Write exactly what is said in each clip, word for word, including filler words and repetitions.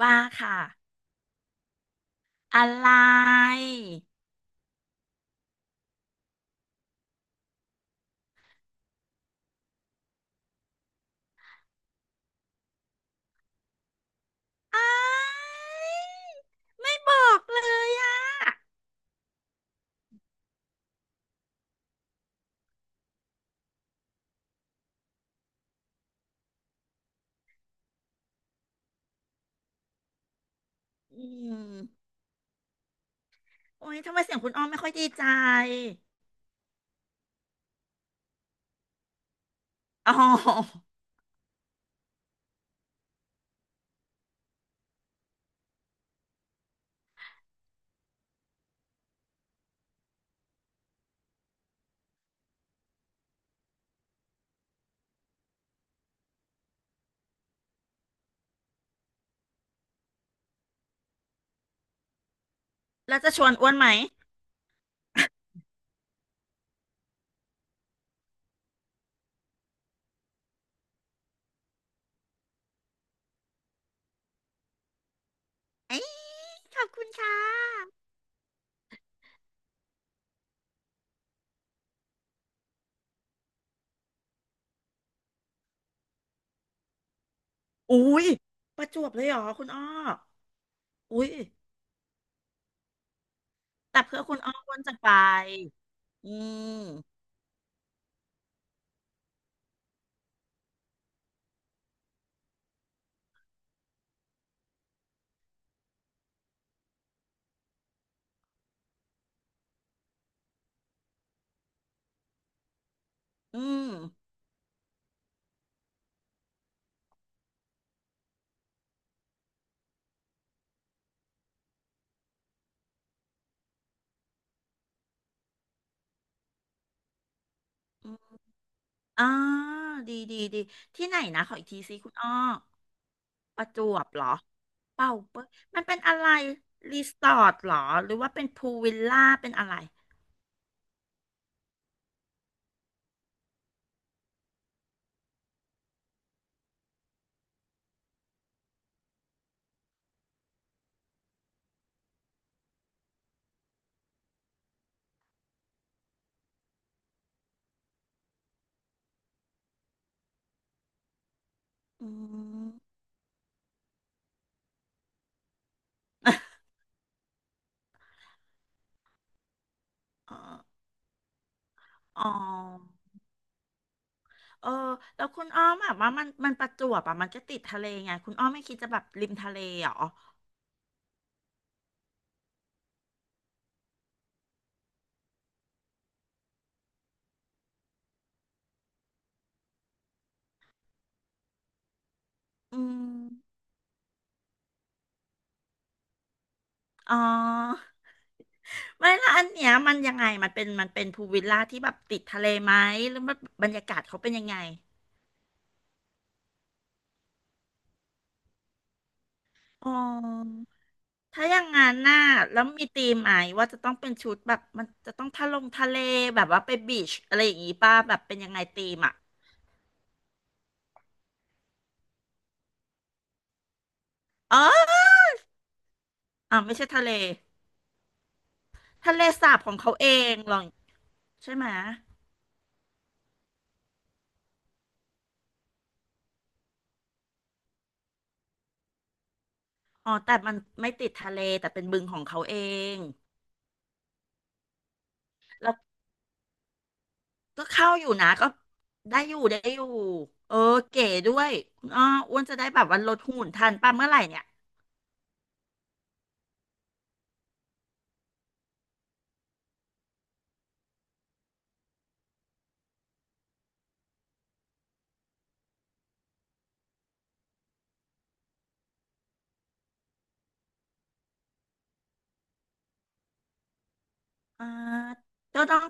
ว่าค่ะอะไรอ้ายไม่บอกเลยอ่ะอืมโอ้ยทำไมเสียงคุณอ้อมไม่ค่อยดีใจอ๋อแล้วจะชวนอ้วนไหมเอ้ยขอบคุณค่ะอุ้ยประจวบเลยเหรอคุณอ้ออุ้ยแต่เพื่อคุณอ้ออ้วนจะไปอืมอืมอมอ่าดีดีดีที่ไหนนะขออีกทีสิคุณอ้อ ประจวบเหรอเป่าเป้ยมันเป็นอะไรรีสอร์ทเหรอหรือว่าเป็นพูลวิลล่าเป็นอะไรอืม อ๋ออ๋อเออแล้วคุณอ้อมแบบว่ามันมันประจวบอ่ะมันก็ติดทะเลไงคุณอ้อมไม่คิดจะแบบริมทะเลเหรออืมอ๋อไม่ละอันเนี้ยมันยังไงมันเป็นมันเป็นพูลวิลล่าที่แบบติดทะเลไหมหรือว่าบรรยากาศเขาเป็นยังไงอ๋อ ถ้าอย่างงานหน้าแล้วมีธีมไหมว่าจะต้องเป็นชุดแบบมันจะต้องทะลงทะเลแบบว่าไปบีชอะไรอย่างงี้ป่ะแบบเป็นยังไงธีมอ่ะอ๋ออ๋อไม่ใช่ทะเลทะเลสาบของเขาเองหรอใช่ไหมอ๋อแต่มันไม่ติดทะเลแต่เป็นบึงของเขาเองแล้วก็เข้าอยู่นะก็ได้อยู่ได้อยู่เออเก๋ด้วยอ้ออ้วนจะได้แบบว่าลดหุ่นทันป่ะเมื่อไหร่เนี่ย อ่าก็ต้อง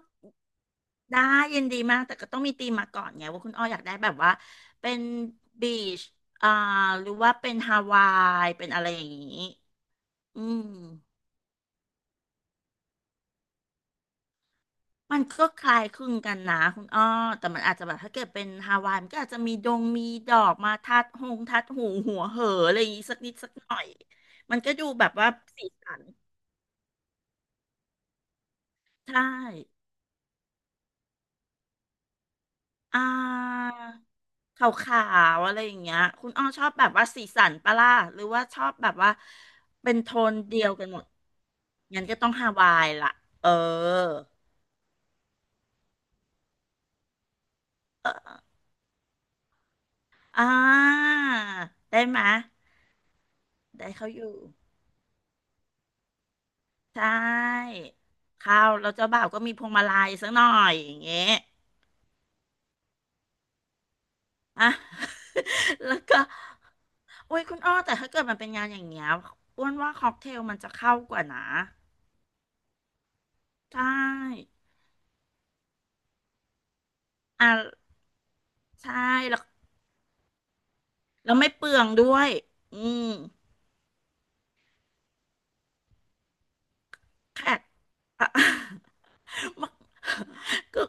ได้ยินดีมากแต่ก็ต้องมีธีมมาก่อนไงว่าคุณอ้ออยากได้แบบว่าเป็นบีชอ่าหรือว่าเป็นฮาวายเป็นอะไรอย่างนี้อืมมันก็คล้ายคลึงกันนะคุณอ้อแต่มันอาจจะแบบถ้าเกิดเป็นฮาวายมันก็อาจจะมีดงมีดอกมาทัดหงทัดหูหัวเหออะไรอย่างนี้สักนิดสักหน่อยมันก็ดูแบบว่าสีสันใช่ อ่าขาวๆอะไรอย่างเงี้ยคุณอ้อชอบแบบว่าสีสันปะล่ะหรือว่าชอบแบบว่าเป็นโทนเดียวกันหมดงั้นก็ต้องฮาวายล่ะเออเอออ่าได้ไหมยได้เขาอยู่ใช่ข้าวเราเจ้าบ่าวก็มีพวงมาลัยสักหน่อยอย่างเงี้ยอ่ะ แล้วก็โอ้ยคุณอ้อแต่ถ้าเกิดมันเป็นงานอย่างเงี้ยอ้วนว่าค็อกเทลมันจะเข้ากว่านะใช่อ่ะ ใช่แล้วแล้วไม่เปลืองด้วยอืมแขก อ่ะ ก็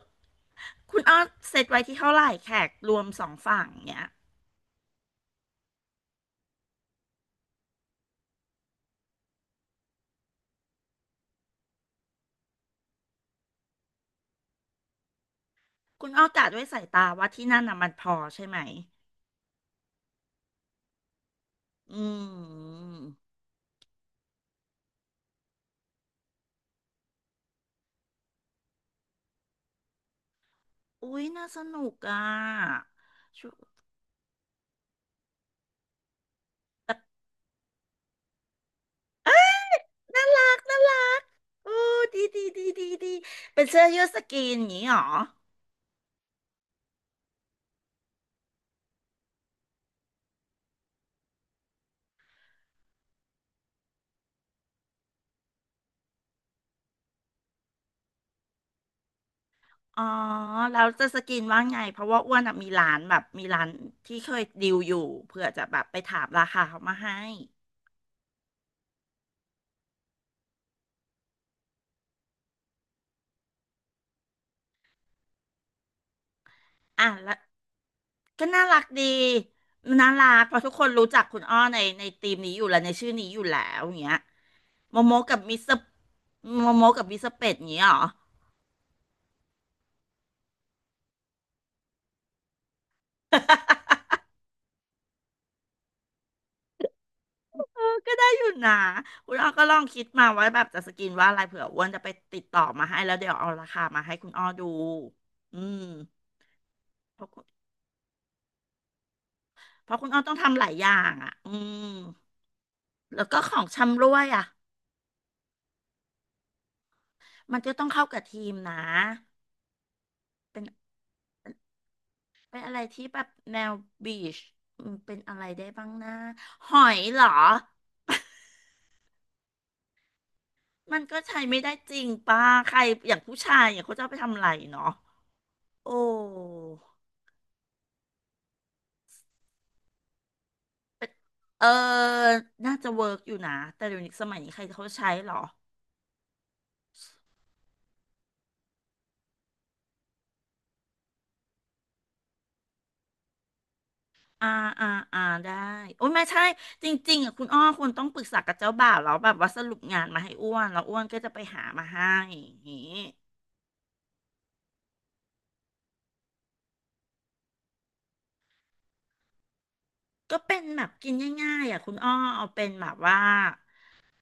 คุณอ้อเซตไว้ที่เท่าไหร่แขกรวมสองฝั่งเนี่ยคุณอ้อกะด้วยสายตาว่าที่นั่นน่ะมันพอใช่ไหม อืมอุ้ยน่าสนุกอ่ะชุน่ารักน่ารักโอ้ดีดีดีดีดีเป็นเสื้อยืดสกรีนอย่างนี้หรอ อ๋อแล้วจะสกินว่าไง เพราะว่าอ้วนอะมีร้านแบบมีร้านที่เคยดีลอยู่เพื่อจะแบบไปถามราคาเขามาให้ อ่ะแล้วก็น่ารักดีน่ารักเพราะทุกคนรู้จักคุณอ้อในในทีมนี้อยู่แล้วในชื่อนี้อยู่แล้วอย่างเงี้ยโมโมกับมิสเตอร์โมโมกับมิสเตอร์เป็ดอย่างเงี้ยเหรอ เออก็ได้อยู่นะคุณอ้อก็ลองคิดมาว่าแบบจะสกินว่าอะไรเผื่ออ้วนจะไปติดต่อมาให้แล้วเดี๋ยวเอาราคามาให้คุณอ้อดูอืม เพราะคุณอ้อต้องทำหลายอย่างอ่ะอืมแล้วก็ของชำร่วยอ่ะ มันจะต้องเข้ากับทีมนะเป็นเป็นอะไรที่แบบแนวบีชอเป็นอะไรได้บ้างนะหอยเหรอ มันก็ใช้ไม่ได้จริงป่ะใครอย่างผู้ชายอย่างเขาจะเอาไปทำอะไรเนาะโอ้เป็นเออน่าจะเวิร์กอยู่นะ แต่เดี๋ยวนี้สมัยนี้ใครเขาใช้เหรอ อ่าอ่าอ่าได้โอ้ยไม่ใช่จริงๆอ่ะคุณอ้อควรต้องปรึกษากับเจ้าบ่าวแล้วแบบว่าสรุปงานมาให้อ้วนแล้วอ้วนก็จะไปหามาให้อย่างงี้ก็เป็นแบบกินง่ายๆอ่ะคุณอ้อเอาเป็นแบบว่า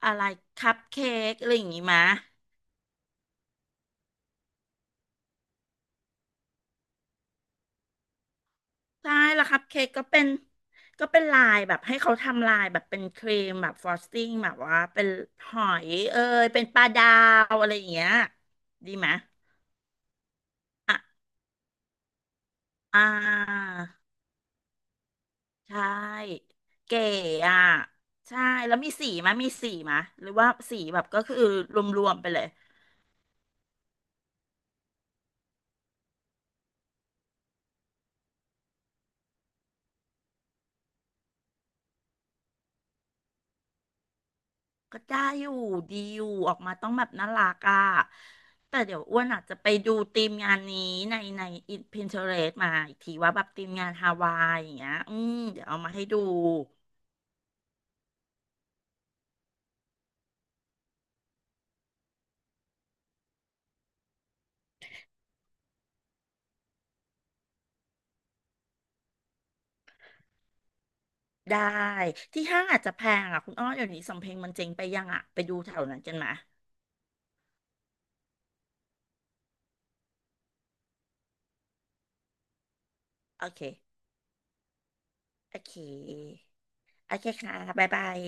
อะไรคัพเค้กอะไรอย่างงี้มะใช่แล้วคัพเค้กก็เป็นก็เป็นลายแบบให้เขาทำลายแบบเป็นครีมแบบฟรอสติ้งแบบว่าเป็นหอยเอยเป็นปลาดาวอะไรอย่างเงี้ยดีไหมะอ่ะอ่า ใช่เก๋อ่ะใช่แล้วมีสีมะมีสีมะหรือว่าสีแบบก็คือรวมๆไปเลยก็ได้อยู่ดีอยู่ออกมาต้องแบบน่ารักอ่ะแต่เดี๋ยวอ้วนอาจจะไปดูทีมงานนี้ในในอินพินเทอเรสมาอีกทีว่าแบบทีมงานฮาวายอย่างเงี้ยอืมเดี๋ยวเอามาให้ดูได้ที่ห้างอาจจะแพงอ่ะคุณอ้อเดี๋ยวนี้สำเพ็งมันเจ๊งไปยังอ่ะไปดูแถวนั้นกันมาโอเคโอเคโอเคค่ะบ๊ายบาย